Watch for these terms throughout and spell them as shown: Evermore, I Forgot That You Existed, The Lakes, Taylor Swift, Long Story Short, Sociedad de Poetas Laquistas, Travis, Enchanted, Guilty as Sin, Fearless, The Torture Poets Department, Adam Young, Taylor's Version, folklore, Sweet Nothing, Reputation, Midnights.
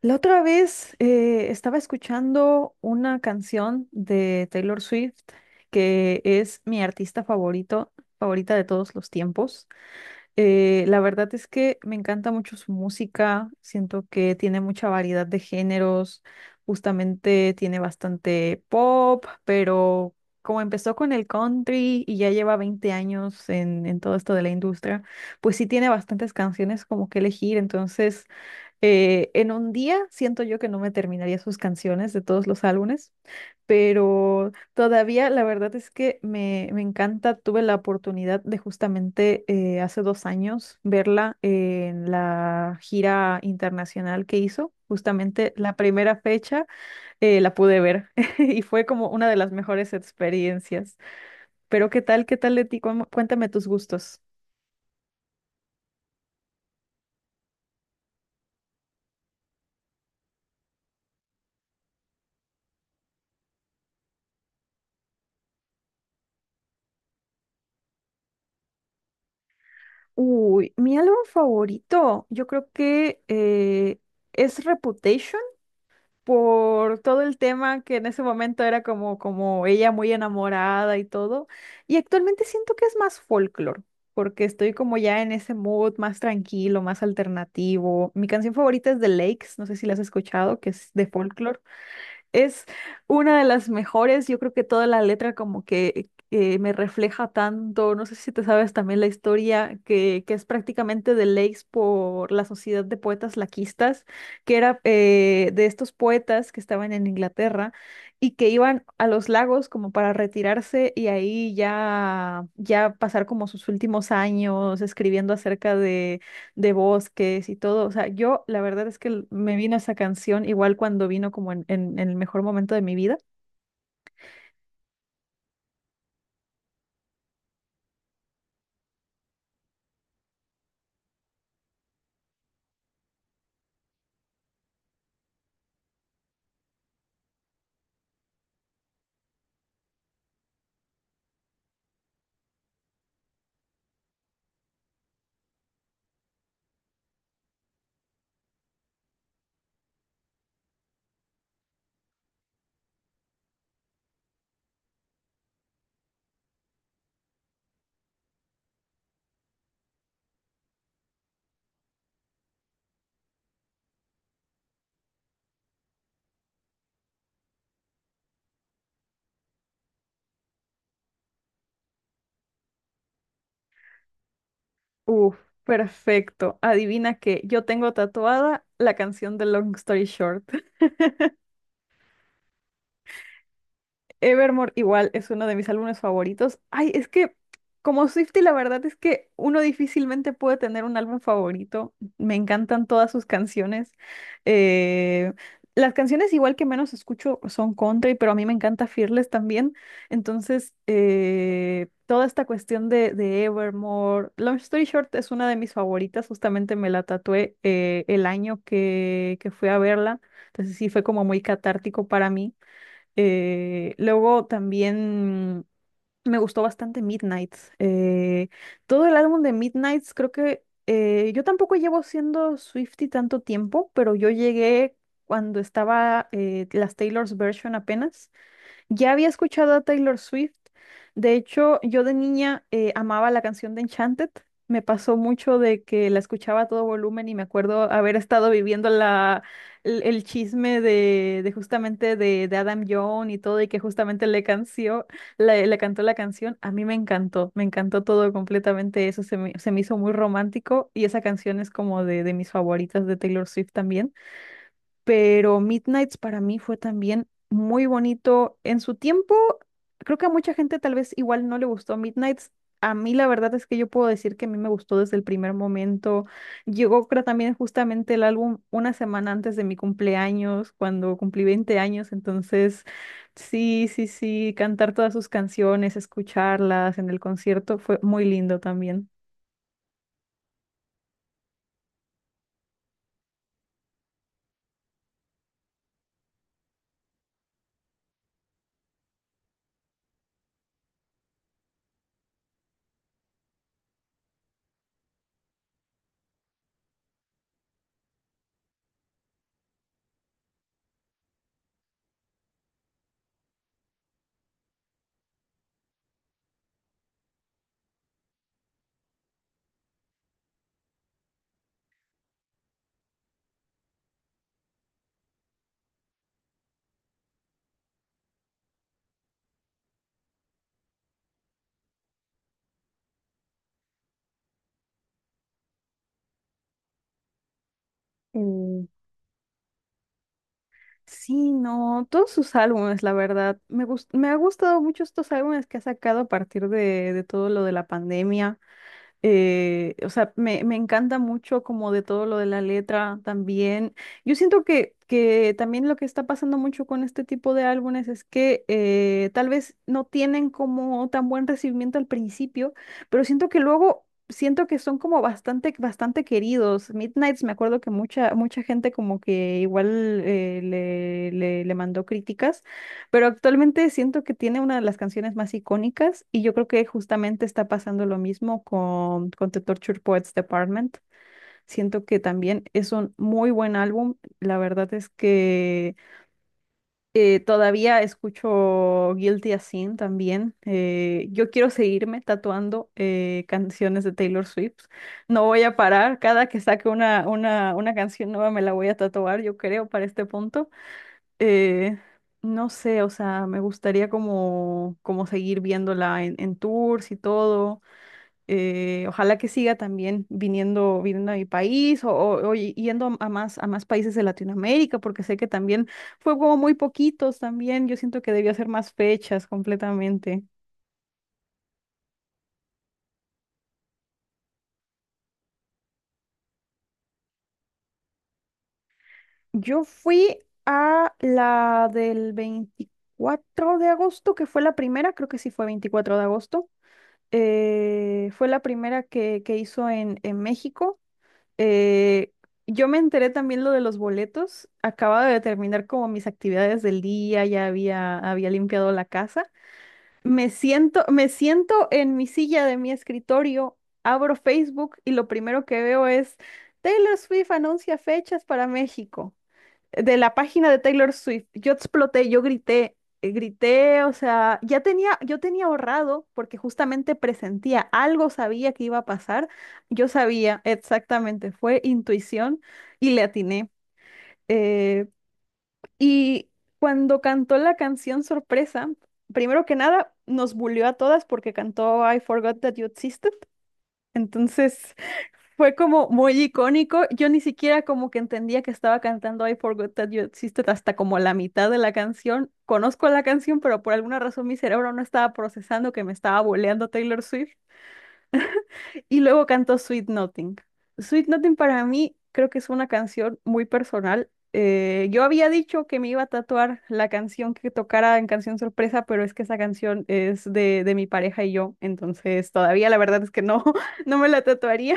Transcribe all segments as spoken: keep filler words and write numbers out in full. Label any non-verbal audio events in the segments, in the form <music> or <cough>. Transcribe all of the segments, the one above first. La otra vez eh, estaba escuchando una canción de Taylor Swift, que es mi artista favorito, favorita de todos los tiempos. Eh, la verdad es que me encanta mucho su música, siento que tiene mucha variedad de géneros, justamente tiene bastante pop, pero como empezó con el country y ya lleva veinte años en, en todo esto de la industria, pues sí tiene bastantes canciones como que elegir, entonces... Eh, en un día siento yo que no me terminaría sus canciones de todos los álbumes, pero todavía la verdad es que me, me encanta. Tuve la oportunidad de justamente eh, hace dos años verla en la gira internacional que hizo. Justamente la primera fecha eh, la pude ver <laughs> y fue como una de las mejores experiencias. Pero ¿qué tal? ¿Qué tal de ti? Cuéntame tus gustos. Uy, mi álbum favorito, yo creo que eh, es Reputation por todo el tema que en ese momento era como, como ella muy enamorada y todo. Y actualmente siento que es más folklore, porque estoy como ya en ese mood más tranquilo, más alternativo. Mi canción favorita es The Lakes, no sé si la has escuchado, que es de folklore. Es una de las mejores, yo creo que toda la letra como que, que me refleja tanto, no sé si te sabes también la historia, que, que es prácticamente de Lakes por la Sociedad de Poetas Laquistas, que era eh, de estos poetas que estaban en Inglaterra y que iban a los lagos como para retirarse y ahí ya, ya pasar como sus últimos años escribiendo acerca de bosques y todo. O sea, yo la verdad es que l- me vino esa canción igual cuando vino como en, en- en el mejor momento de mi vida. Uf, perfecto. Adivina que yo tengo tatuada la canción de Long Story Short. Evermore igual es uno de mis álbumes favoritos. Ay, es que como Swiftie la verdad es que uno difícilmente puede tener un álbum favorito. Me encantan todas sus canciones. Eh, las canciones igual que menos escucho son country, pero a mí me encanta Fearless también. Entonces, eh, toda esta cuestión de, de Evermore, Long Story Short es una de mis favoritas. Justamente me la tatué eh, el año que, que fui a verla. Entonces sí fue como muy catártico para mí. Eh, luego también me gustó bastante Midnights. Eh, todo el álbum de Midnights, creo que eh, yo tampoco llevo siendo Swiftie tanto tiempo, pero yo llegué cuando estaba eh, las Taylor's Version apenas. Ya había escuchado a Taylor Swift. De hecho, yo de niña eh, amaba la canción de Enchanted. Me pasó mucho de que la escuchaba a todo volumen y me acuerdo haber estado viviendo la, el, el chisme de, de justamente de, de Adam Young y todo y que justamente le, canció, le, le cantó la canción. A mí me encantó, me encantó todo completamente eso. Se me, se me hizo muy romántico y esa canción es como de, de mis favoritas de Taylor Swift también, pero Midnights para mí fue también muy bonito en su tiempo. Creo que a mucha gente tal vez igual no le gustó Midnights. A mí la verdad es que yo puedo decir que a mí me gustó desde el primer momento. Llegó creo también justamente el álbum una semana antes de mi cumpleaños, cuando cumplí veinte años. Entonces, sí, sí, sí, cantar todas sus canciones, escucharlas en el concierto fue muy lindo también. Mm. Sí, no, todos sus álbumes, la verdad. Me gus- me ha gustado mucho estos álbumes que ha sacado a partir de, de todo lo de la pandemia. Eh, o sea, me, me encanta mucho como de todo lo de la letra también. Yo siento que, que también lo que está pasando mucho con este tipo de álbumes es que eh, tal vez no tienen como tan buen recibimiento al principio, pero siento que luego siento que son como bastante, bastante queridos. Midnights, me acuerdo que mucha, mucha gente como que igual eh, le, le, le mandó críticas. Pero actualmente siento que tiene una de las canciones más icónicas y yo creo que justamente está pasando lo mismo con, con The Torture Poets Department. Siento que también es un muy buen álbum. La verdad es que eh, todavía escucho Guilty as Sin también. Eh, yo quiero seguirme tatuando eh, canciones de Taylor Swift. No voy a parar. Cada que saque una, una, una canción nueva me la voy a tatuar, yo creo, para este punto. Eh, no sé, o sea, me gustaría como, como seguir viéndola en, en tours y todo. Eh, ojalá que siga también viniendo, viniendo a mi país o, o- o y- yendo a más, a más países de Latinoamérica, porque sé que también fue como muy poquitos también. Yo siento que debió hacer más fechas completamente. Yo fui a la del veinticuatro de agosto, que fue la primera, creo que sí fue veinticuatro de agosto. Eh, fue la primera que, que hizo en, en México. Eh, yo me enteré también lo de los boletos. Acababa de terminar como mis actividades del día, ya había, había limpiado la casa. Me siento, me siento en mi silla de mi escritorio, abro Facebook y lo primero que veo es Taylor Swift anuncia fechas para México de la página de Taylor Swift. Yo exploté, yo grité, eh, grité, o sea, ya tenía, yo tenía ahorrado porque justamente presentía algo, sabía que iba a pasar. Yo sabía exactamente, fue intuición y le atiné. Eh, y cuando cantó la canción Sorpresa, primero que nada, nos bulió a todas porque cantó I Forgot That You Existed. Entonces, fue como muy icónico. Yo ni siquiera como que entendía que estaba cantando I Forgot That You Existed hasta como la mitad de la canción. Conozco la canción, pero por alguna razón mi cerebro no estaba procesando que me estaba boleando Taylor Swift. Y luego cantó Sweet Nothing. Sweet Nothing para mí creo que es una canción muy personal. Eh, yo había dicho que me iba a tatuar la canción que tocara en canción sorpresa, pero es que esa canción es de, de mi pareja y yo, entonces todavía la verdad es que no, <laughs> no me la tatuaría,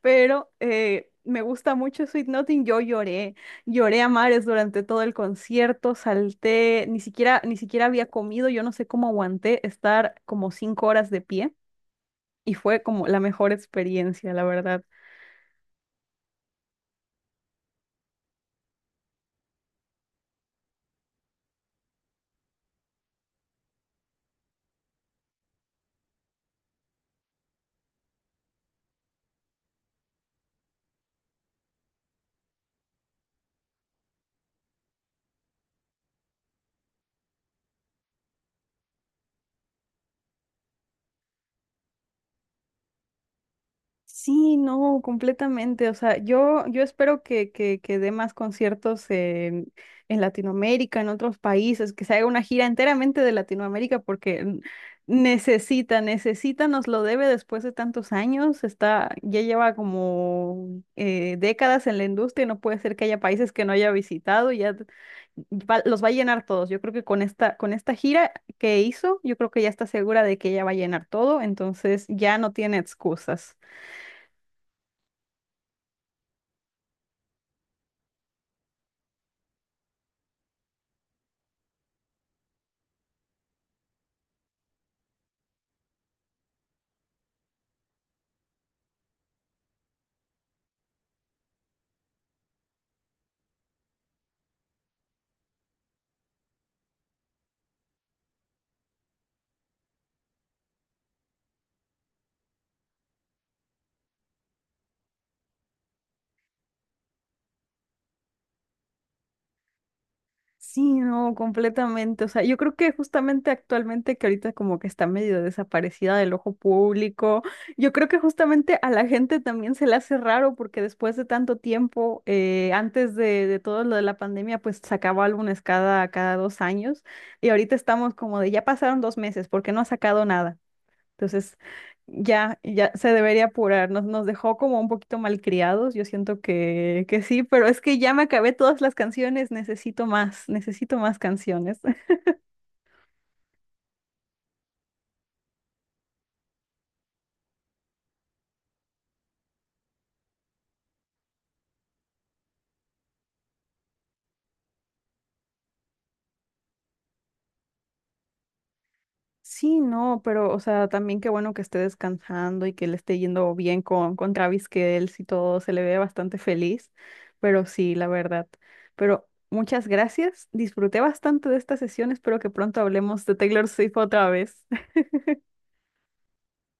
pero eh, me gusta mucho Sweet Nothing. Yo lloré, lloré a mares durante todo el concierto, salté, ni siquiera, ni siquiera había comido, yo no sé cómo aguanté estar como cinco horas de pie y fue como la mejor experiencia, la verdad. Sí, no, completamente. O sea, yo, yo espero que, que, que dé más conciertos en, en Latinoamérica, en otros países, que se haga una gira enteramente de Latinoamérica, porque n- necesita, necesita, nos lo debe después de tantos años. Está, ya lleva como eh, décadas en la industria, y no puede ser que haya países que no haya visitado, y ya va- los va a llenar todos. Yo creo que con esta, con esta gira que hizo, yo creo que ya está segura de que ella va a llenar todo, entonces ya no tiene excusas. Sí, no, completamente. O sea, yo creo que justamente actualmente que ahorita como que está medio desaparecida del ojo público, yo creo que justamente a la gente también se le hace raro porque después de tanto tiempo, eh, antes de, de todo lo de la pandemia, pues sacaba álbumes cada, cada dos años y ahorita estamos como de ya pasaron dos meses, ¿porque no ha sacado nada? Entonces, ya, ya se debería apurar. Nos, nos dejó como un poquito malcriados. Yo siento que, que sí, pero es que ya me acabé todas las canciones. Necesito más, necesito más canciones. <laughs> Sí, no, pero, o sea, también qué bueno que esté descansando y que le esté yendo bien con, con Travis, que él sí todo se le ve bastante feliz. Pero sí, la verdad. Pero muchas gracias. Disfruté bastante de esta sesión. Espero que pronto hablemos de Taylor Swift otra vez.